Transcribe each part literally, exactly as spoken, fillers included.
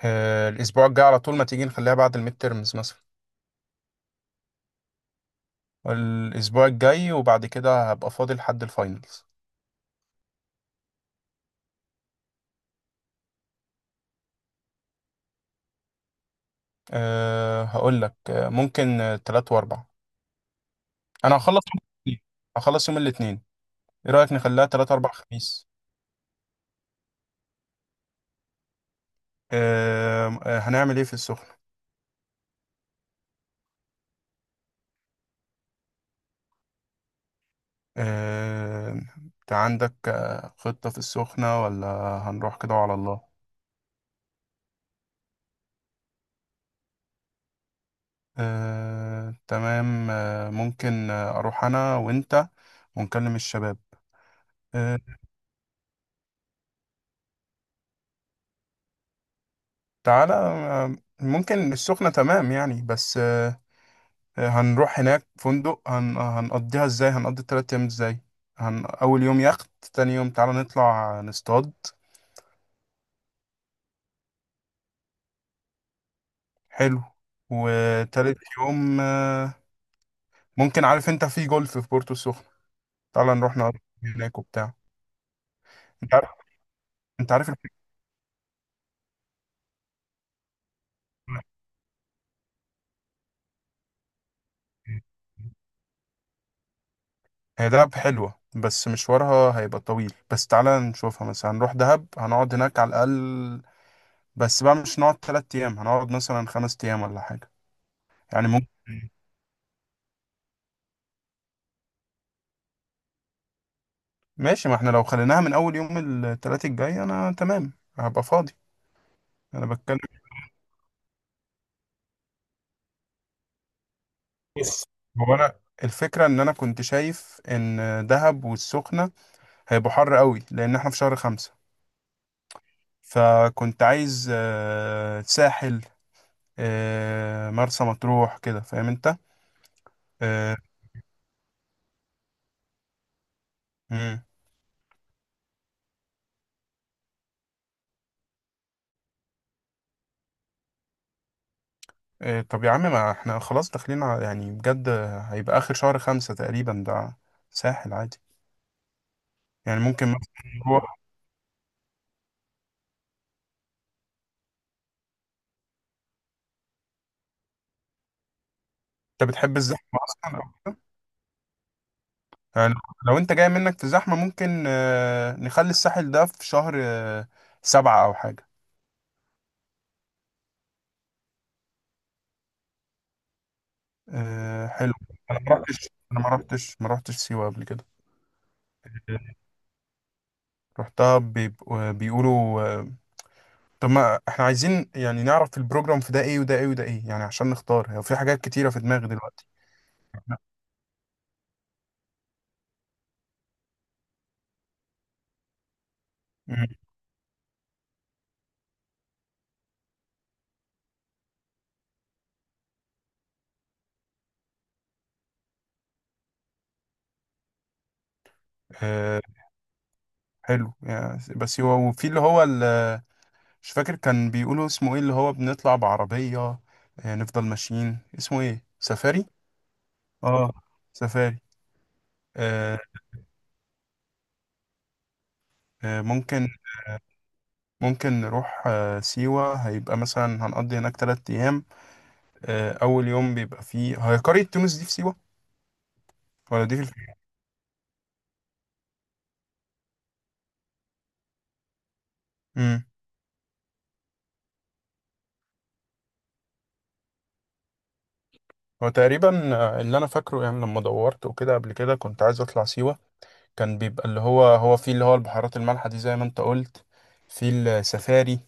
آه، الاسبوع الجاي على طول ما تيجي نخليها بعد الميد تيرمز مثلا. الاسبوع الجاي وبعد كده هبقى فاضي لحد الفاينلز. أه هقول لك آه، ممكن، آه، تلات واربع. انا هخلص يوم الاثنين هخلص يوم الاثنين. ايه رايك نخليها تلات اربع خميس؟ أه آه، هنعمل ايه في السخنه؟ أه انت عندك آه، خطه في السخنه ولا؟ هنروح كده وعلى الله. أه، تمام. أه ممكن آه، اروح انا وانت، ونكلم الشباب. آه، تعالى. آه، ممكن السخنة تمام يعني، بس. آه، آه، هنروح هناك فندق، هن... هنقضيها ازاي هنقضي التلات أيام ازاي؟ هن... أول يوم يخت، تاني يوم تعالى نطلع نصطاد. حلو. وتالت يوم. آه، ممكن، عارف انت في جولف في بورتو السخنة؟ تعالى نروح نقضي هناك وبتاع. انت عارف انت عارف الفكرة. هي دهب حلوة، بس مشوارها هيبقى طويل، بس تعالى نشوفها مثلا. هنروح دهب، هنقعد هناك على الأقل، بس بقى مش هنقعد تلات أيام، هنقعد مثلا خمس أيام ولا حاجة. يعني ممكن. ماشي، ما احنا لو خليناها من أول يوم، التلات الجاي أنا تمام، هبقى فاضي. أنا بتكلم. بس هو، أنا الفكرة إن أنا كنت شايف إن دهب والسخنة هيبقوا حر قوي، لأن احنا في شهر خمسة. فكنت عايز آه، ساحل، آه، مرسى مطروح كده، فاهم أنت؟ آه، مم. آه، طب يا عم، ما احنا خلاص داخلين على- يعني بجد، هيبقى آخر شهر خمسة تقريبا ده. ساحل عادي. يعني ممكن مثلا نروح. انت بتحب الزحمه اصلا أو... يعني، لو انت جاي منك في الزحمه، ممكن آه، نخلي الساحل ده في شهر، آه، سبعة او حاجه. آه، حلو. انا ما رحتش انا ما رحتش ما رحتش سيوه قبل كده. رحتها، بيبقوا- بيقولوا. آه، طب ما احنا عايزين يعني نعرف في البروجرام، في ده ايه، وده ايه، وده ايه يعني، عشان نختار. هو في حاجات كتيره في دماغي دلوقتي. مم. آه، حلو يعني، بس هو وفي اللي هو. مش فاكر كان بيقولوا اسمه ايه، اللي هو بنطلع بعربية، آه، نفضل ماشيين، اسمه ايه؟ سفاري. اه، سفاري. آه، آه، ممكن. ممكن نروح آه، سيوة، هيبقى مثلا هنقضي هناك تلات أيام. آه، أول يوم بيبقى فيه، هي قرية تونس دي في سيوة، ولا دي في الفيوم؟ امم. هو تقريبا، آه، اللي أنا فاكره يعني، لما دورت وكده قبل كده كنت عايز أطلع سيوة. كان بيبقى اللي هو، هو فيه اللي هو البحيرات المالحة دي، زي ما أنت قلت، في السفاري،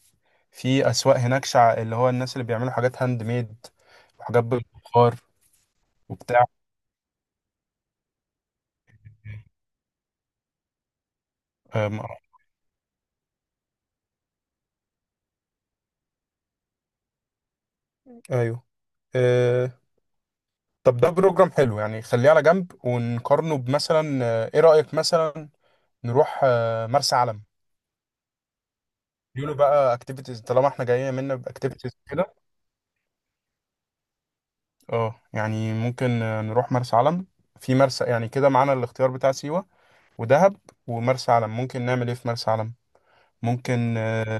في اسواق هناك، شع... اللي هو الناس اللي بيعملوا حاجات هاند ميد، وحاجات بالبخار وبتاع. أم... ايوه. أه... طب ده بروجرام حلو يعني، خليه على جنب ونقارنه بمثلا. آه، ايه رأيك مثلا نروح آه، مرسى علم؟ يقولوا بقى اكتيفيتيز، طالما احنا جايين منا باكتيفيتيز كده. اه يعني ممكن آه، نروح مرسى علم. في مرسى يعني كده معانا الاختيار بتاع سيوة ودهب ومرسى علم. ممكن نعمل ايه في مرسى علم؟ ممكن آه،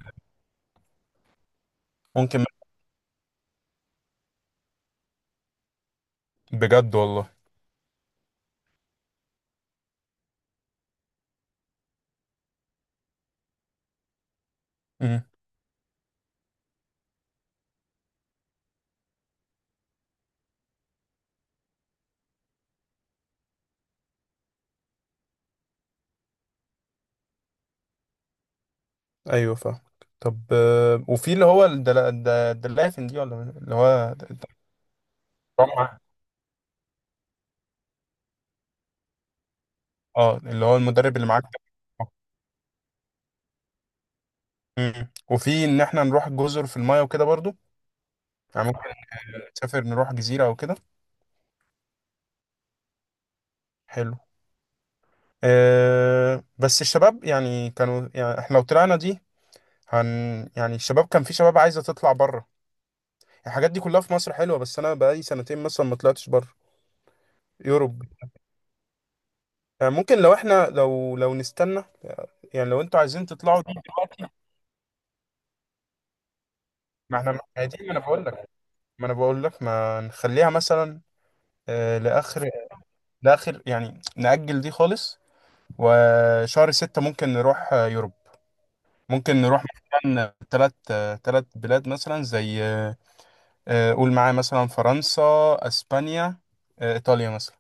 ممكن، بجد والله. مم. ايوه، فاهم. طب، آه، وفي اللي هو الدلا- الد- الدلافن دي، ولا اللي هو الرمعة، اه اللي هو المدرب اللي معاك ده. مم. وفي ان احنا نروح جزر في المايه وكده برضو، يعني ممكن نسافر، نروح جزيرة او كده. حلو. أه، بس الشباب يعني كانوا، يعني احنا لو طلعنا دي، هن يعني الشباب كان، في شباب عايزة تطلع بره. الحاجات دي كلها في مصر حلوة، بس انا بقالي سنتين مثلا ما طلعتش بره. يوروب. يعني ممكن، لو احنا لو لو نستنى. يعني لو انتوا عايزين تطلعوا دي، ما احنا، ما هي دي ما انا بقول لك. ما انا بقول لك ما نخليها مثلا آه، لاخر. لاخر يعني نأجل دي خالص. وشهر ستة ممكن نروح آه، يوروب. ممكن نروح مثلا، ثلاث ثلاث بلاد، مثلا زي، آه، آه، قول معايا مثلا فرنسا، اسبانيا، آه، ايطاليا مثلا.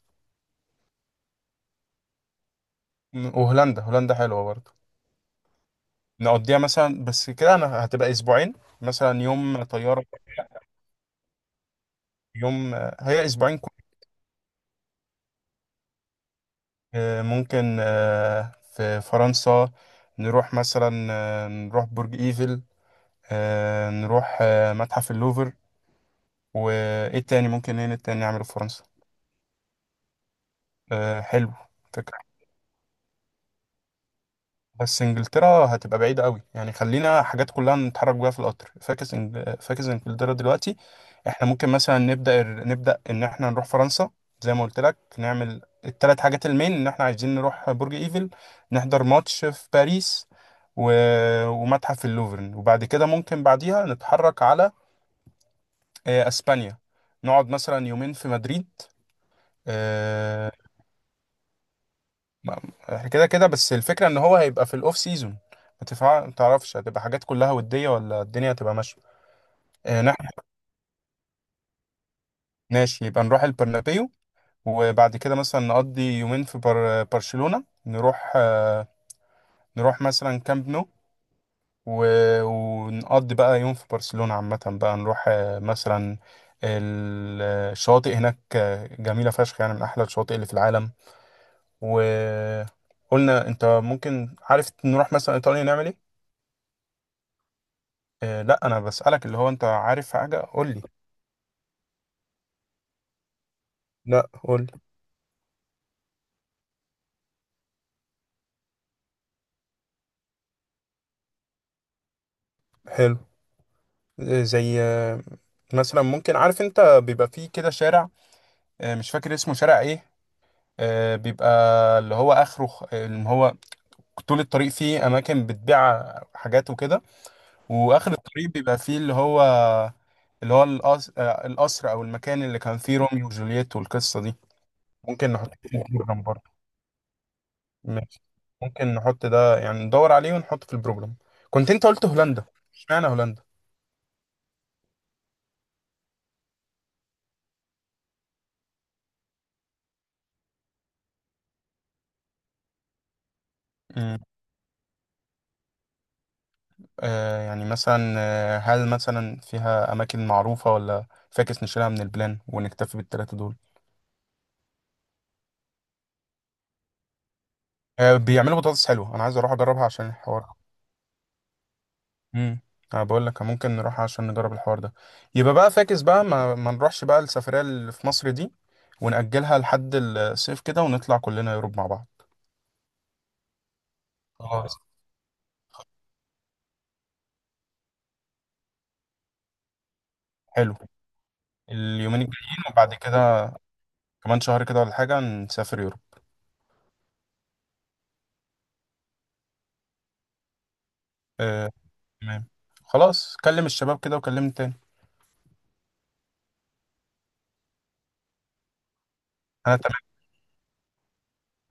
م- وهولندا هولندا حلوة برضه. نقضيها مثلا، بس كده انا هتبقى اسبوعين، مثلا يوم طيارة، يوم آه، هي اسبوعين. آه، ممكن آه، في فرنسا، نروح مثلا آه، نروح برج ايفل، آه، نروح آه، متحف اللوفر. وايه تاني ممكن، ايه تاني نعمله في فرنسا؟ آه، حلو. بس انجلترا هتبقى بعيدة قوي يعني، خلينا حاجات كلها نتحرك بيها في القطر، فاكس إنج- فاكس انجلترا دلوقتي. احنا ممكن مثلا نبدأ، نبدأ ان احنا نروح فرنسا، زي ما قلت لك نعمل الثلاث حاجات، المين ان احنا عايزين نروح برج ايفل، نحضر ماتش في باريس، و... ومتحف اللوفر. وبعد كده ممكن بعديها نتحرك على آه، اسبانيا. نقعد مثلا يومين في مدريد. آه، ما- احنا كده كده، بس الفكرة ان هو هيبقى في الاوف سيزون. ما تفع- ما تعرفش هتبقى حاجات كلها ودية، ولا الدنيا هتبقى ماشية. آه، نح- ماشي، يبقى نروح البرنابيو. وبعد كده مثلا نقضي يومين في بر... برشلونة، نروح آه، نروح مثلا كامب نو، و... ونقضي بقى يوم في برشلونة عامة بقى. نروح آه، مثلا ال- الشواطئ هناك، آه، جميلة فشخ يعني، من أحلى الشواطئ اللي في العالم. وقلنا أنت ممكن، عارف، نروح مثلا إيطاليا نعمل إيه؟ آه لا، انا بسألك، اللي هو انت عارف حاجة قول لي. لا قول لي. حلو. آه، زي، آه، مثلا ممكن، عارف انت بيبقى فيه كده شارع، آه مش فاكر اسمه شارع ايه. آه بيبقى اللي هو اخره، خ- اللي هو طول الطريق فيه اماكن بتبيع حاجات وكده، واخر الطريق بيبقى فيه اللي هو اللي هو القصر، آه، القصر او المكان اللي كان فيه روميو وجولييت والقصة دي. ممكن نحط. ماشي، ممكن نحط ده يعني، ندور عليه ونحطه في البروجرام. كنت انت قلت هولندا. اشمعنى هولندا؟ مم. آه يعني مثلا، آه، هل مثلا فيها اماكن معروفه، ولا فاكس نشيلها من البلان ونكتفي بالثلاثه دول؟ آه بيعملوا بطاطس حلوه، انا عايز اروح اجربها عشان الحوار. امم. انا بقول لك ممكن نروح عشان نجرب الحوار ده. يبقى بقى فاكس بقى، ما, ما نروحش بقى السفريه اللي في مصر دي، ونأجلها لحد الصيف كده، ونطلع كلنا يوروب مع بعض. اه، حلو. اليومين الجايين وبعد كده كمان شهر كده ولا حاجة، نسافر يوروب. آه، تمام. خلاص كلم الشباب كده وكلمني تاني. أنا تمام.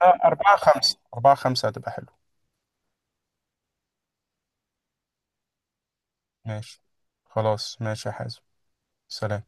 آه، أربعة خمسة أربعة خمسة هتبقى حلو. ماشي. خلاص ماشي يا حازم. سلام.